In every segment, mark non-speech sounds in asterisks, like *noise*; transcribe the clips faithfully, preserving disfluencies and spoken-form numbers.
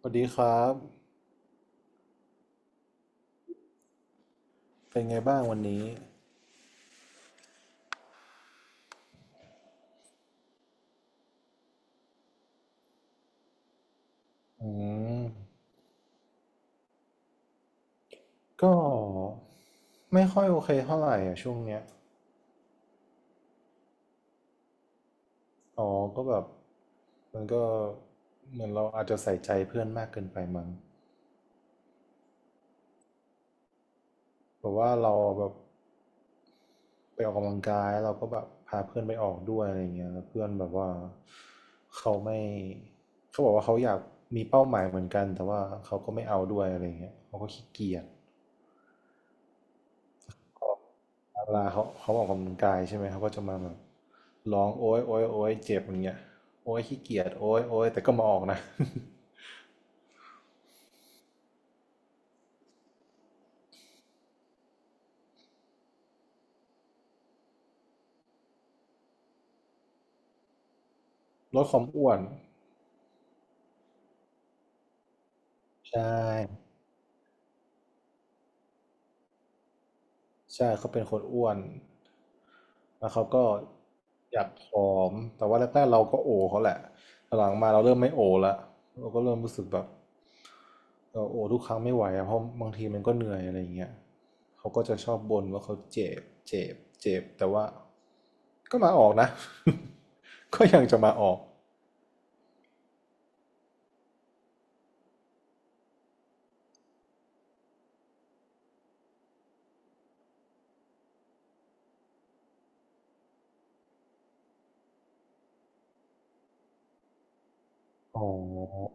สวัสดีครับเป็นไงบ้างวันนี้อืมก็ไม่ค่อยโอเคเท่าไหร่อ่ะช่วงเนี้ยอ๋อก็แบบมันก็เหมือนเราอาจจะใส่ใจเพื่อนมากเกินไปมั้งแบบว่าเราแบบไปออกกำลังกายเราก็แบบพาเพื่อนไปออกด้วยอะไรเงี้ยแล้วเพื่อนแบบว่าเขาไม่เขาบอกว่าเขาอยากมีเป้าหมายเหมือนกันแต่ว่าเขาก็ไม่เอาด้วยอะไรเงี้ยเขาก็ขี้เกียจ เวลาเขาเขาออกกำลังกายใช่ไหมเขาก็จะมาแบบร้องโอ๊ยโอ๊ยโอ๊ยเจ็บอย่างเงี้ยโอ๊ยขี้เกียจโอ๊ยโอ๊ยแต่ก็มาออกนะ *laughs* ลดความอ้วนใช่ ใช่เขาเป็นคนอ้วนแล้วเขาก็อยากผอมแต่ว่าแรกๆเราก็โอเขาแหละหลังๆมาเราเริ่มไม่โอละเราก็เริ่มรู้สึกแบบเราโอทุกครั้งไม่ไหวอะเพราะบางทีมันก็เหนื่อยอะไรอย่างเงี้ยเขาก็จะชอบบ่นว่าเขาเจ็บเจ็บเจ็บแต่ว่าก็มาออกนะ *laughs* ก็ยังจะมาออกอ๋อ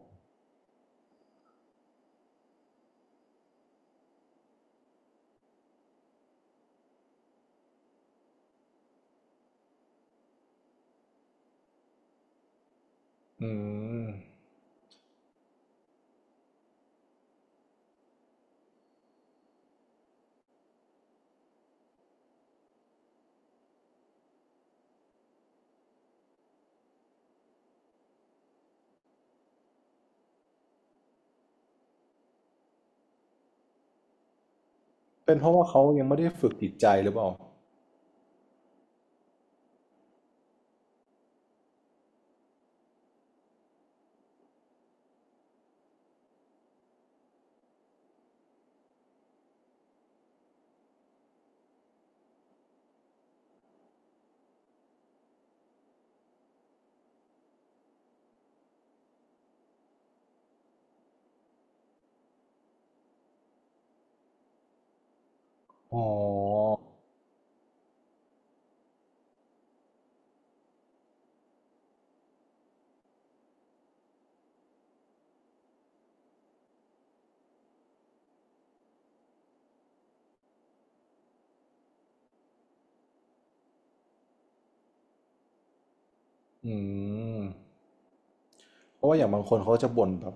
อืมเป็นเพราะว่าเขายังไม่ได้ฝึกจิตใจหรือเปล่าอ๋ออืม เพราะว่าอย่างบางคนเขาจะบ่นแบบ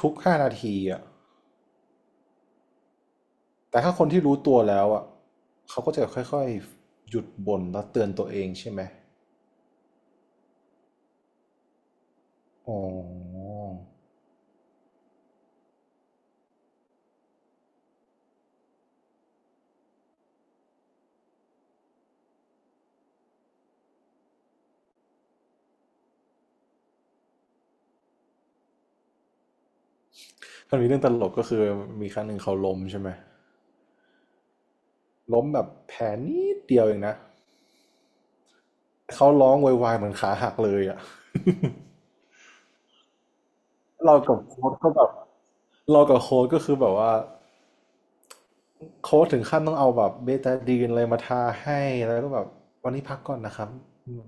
ทุกๆห้านาทีอ่ะแต่ถ้าคนที่รู้ตัวแล้วอ่ะเขาก็จะค่อยๆ หยุดบ่นแล้วเตือนตัวเองใช่ไหมอ๋อมันมีเรื่องตลกก็คือมีครั้งหนึ่งเขาล้มใช่ไหม ล้มแบบแผลนิดเดียวเองนะเขาร้องโวยวายเหมือนขาหักเลยอ่ะเรากับโค้ดก็แบบเรากับโค้ชก็คือแบบว่า โค้ชถึงขั้นต้องเอาแบบเบตาดีนอะไรมาทาให้แล้วก็แบบวันนี้พักก่อนนะครับ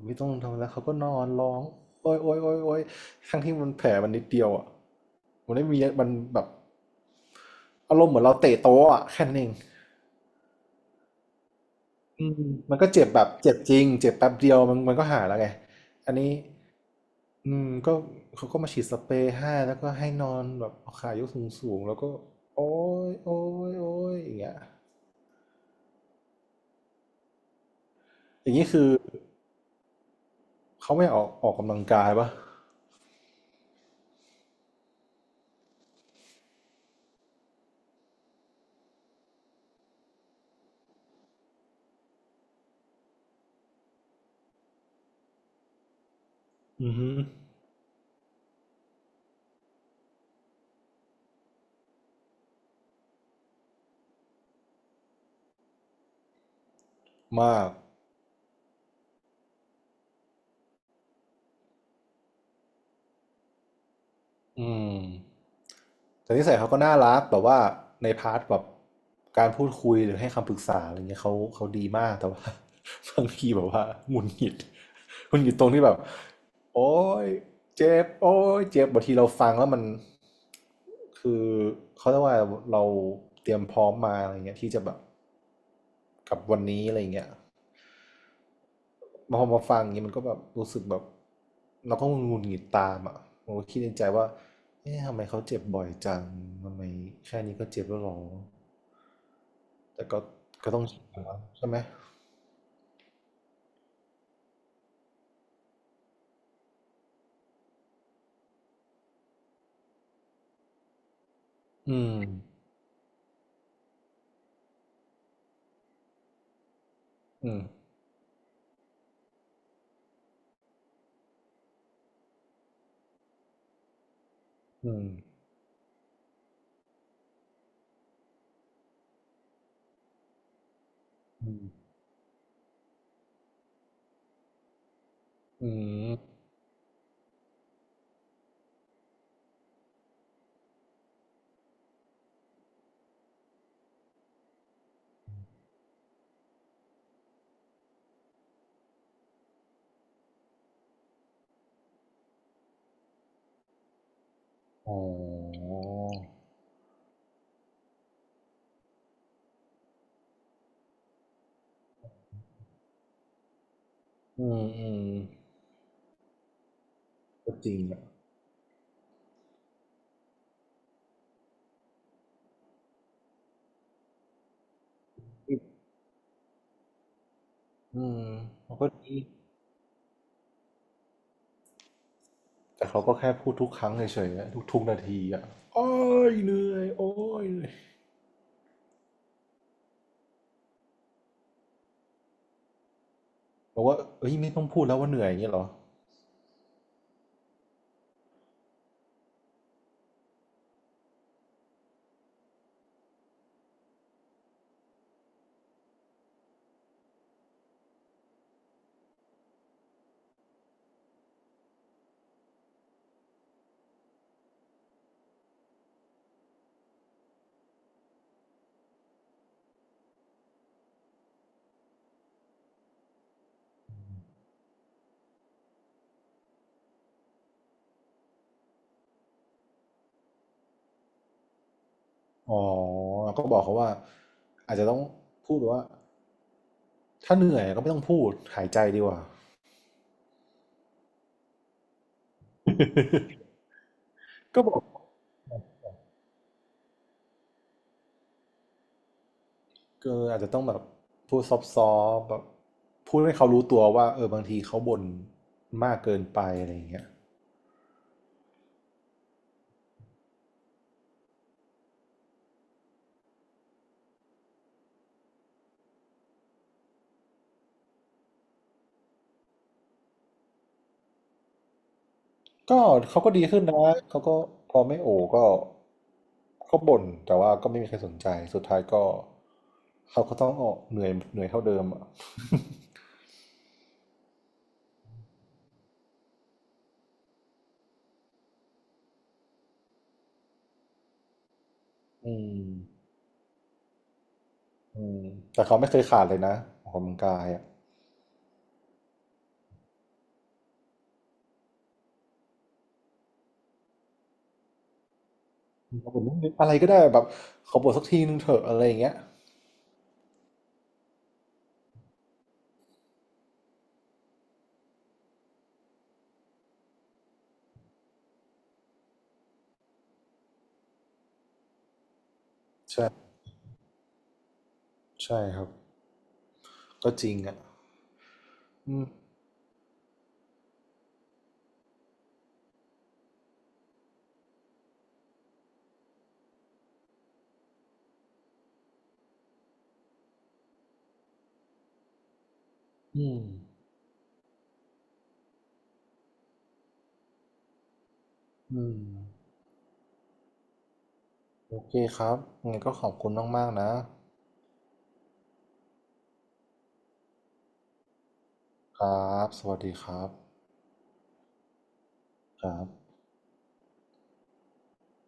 ไม่ต้องทำแล้วเขาก็นอนร้องโอ๊ยโอ๊ยโอ๊ยโอ๊ยทั้งที่มันแผลมันนิดเดียวอ่ะมันไม่มีมันแบบอารมณ์เหมือนเราเตะโต๊ะอ่ะแค่นั้นเองอืมมันก็เจ็บแบบเจ็บจริงเจ็บแป๊บเดียวมันมันก็หายแล้วไงอันนี้อืมก็เขาก็มาฉีดสเปรย์ให้แล้วก็ให้นอนแบบเอาขายกสูงสูงแล้วก็โอ้ยโอ้ยโอ้ยอย่างเงี้ยอย่างนี้คือ เขาไม่ออกออกกำลังกายปะอือฮึมากอืมแต่นิสัยเขาก็น่ารักแบบว่าในพาร์ทแบบการพูดคุยหรือให้คำปรึกษาอะไรเงี้ยเขาเขาดีมากแต่ว่า *laughs* บางทีแบบว่าหงุดหงิดหงุดหงิดตรงที่แบบโอ๊ยเจ็บโอ๊ยเจ็บบางทีเราฟังแล้วมันคือเขาเรียกว่าเราเตรียมพร้อมมาอะไรเงี้ยที่จะแบบกับวันนี้อะไรเงี้ย พอมาฟังอย่างนี้มันก็แบบรู้สึกแบบเราก็งุนหงิดตามอ่ะผมก็คิดในใจว่าเอ๊ะทำไมเขาเจ็บบ่อยจังทำไมแค่นี้ก็เจ็บแล้วหรอแต่ก็ก็ต้องชินแใช่ไหมอืมอืมอืมอืมอืมอ๋ออืมอืมก็จริงอ่ะอืมมันก็ดีแต่เขาก็แค่พูดทุกครั้งเฉยๆนะทุกๆนาทีอ่ะโอ้ยเหนื่อยโอ้ยเหนื่อย บอกว่าเอ้ยไม่ต้องพูดแล้วว่าเหนื่อยอย่างนี้เหรออ๋อก็บอกเขาว่าอาจจะต้องพูดว่าถ้าเหนื่อยก็ไม่ต้องพูดหายใจดีกว่า *laughs* ก็บอกเอออาจจะต้องแบบพูดซอฟต์ๆแบบพูดให้เขารู้ตัวว่าเออบางทีเขาบ่นมากเกินไปอะไรอย่างเงี้ยก็เขาก็ดีขึ้นนะเขาก็พอไม่โอก็เขาบ่นแต่ว่าก็ไม่มีใครสนใจสุดท้ายก็เขาก็ต้องออกเหนื่อยเหนื่อยเท่าเดิมอ่ะอืม อืมแต่เขาไม่เคยขาดเลยนะออกกำลังกายอ่ะเขาบอกว่าอะไรก็ได้แบบขอปวดสักทีนึงเถอะอะไรอย่างเงี้ยใช่ครับก็จริงอ่ะอืมอืมอืมโอเคครับงั้นก็ขอบคุณมากๆนะครับสวัสดีครับครับ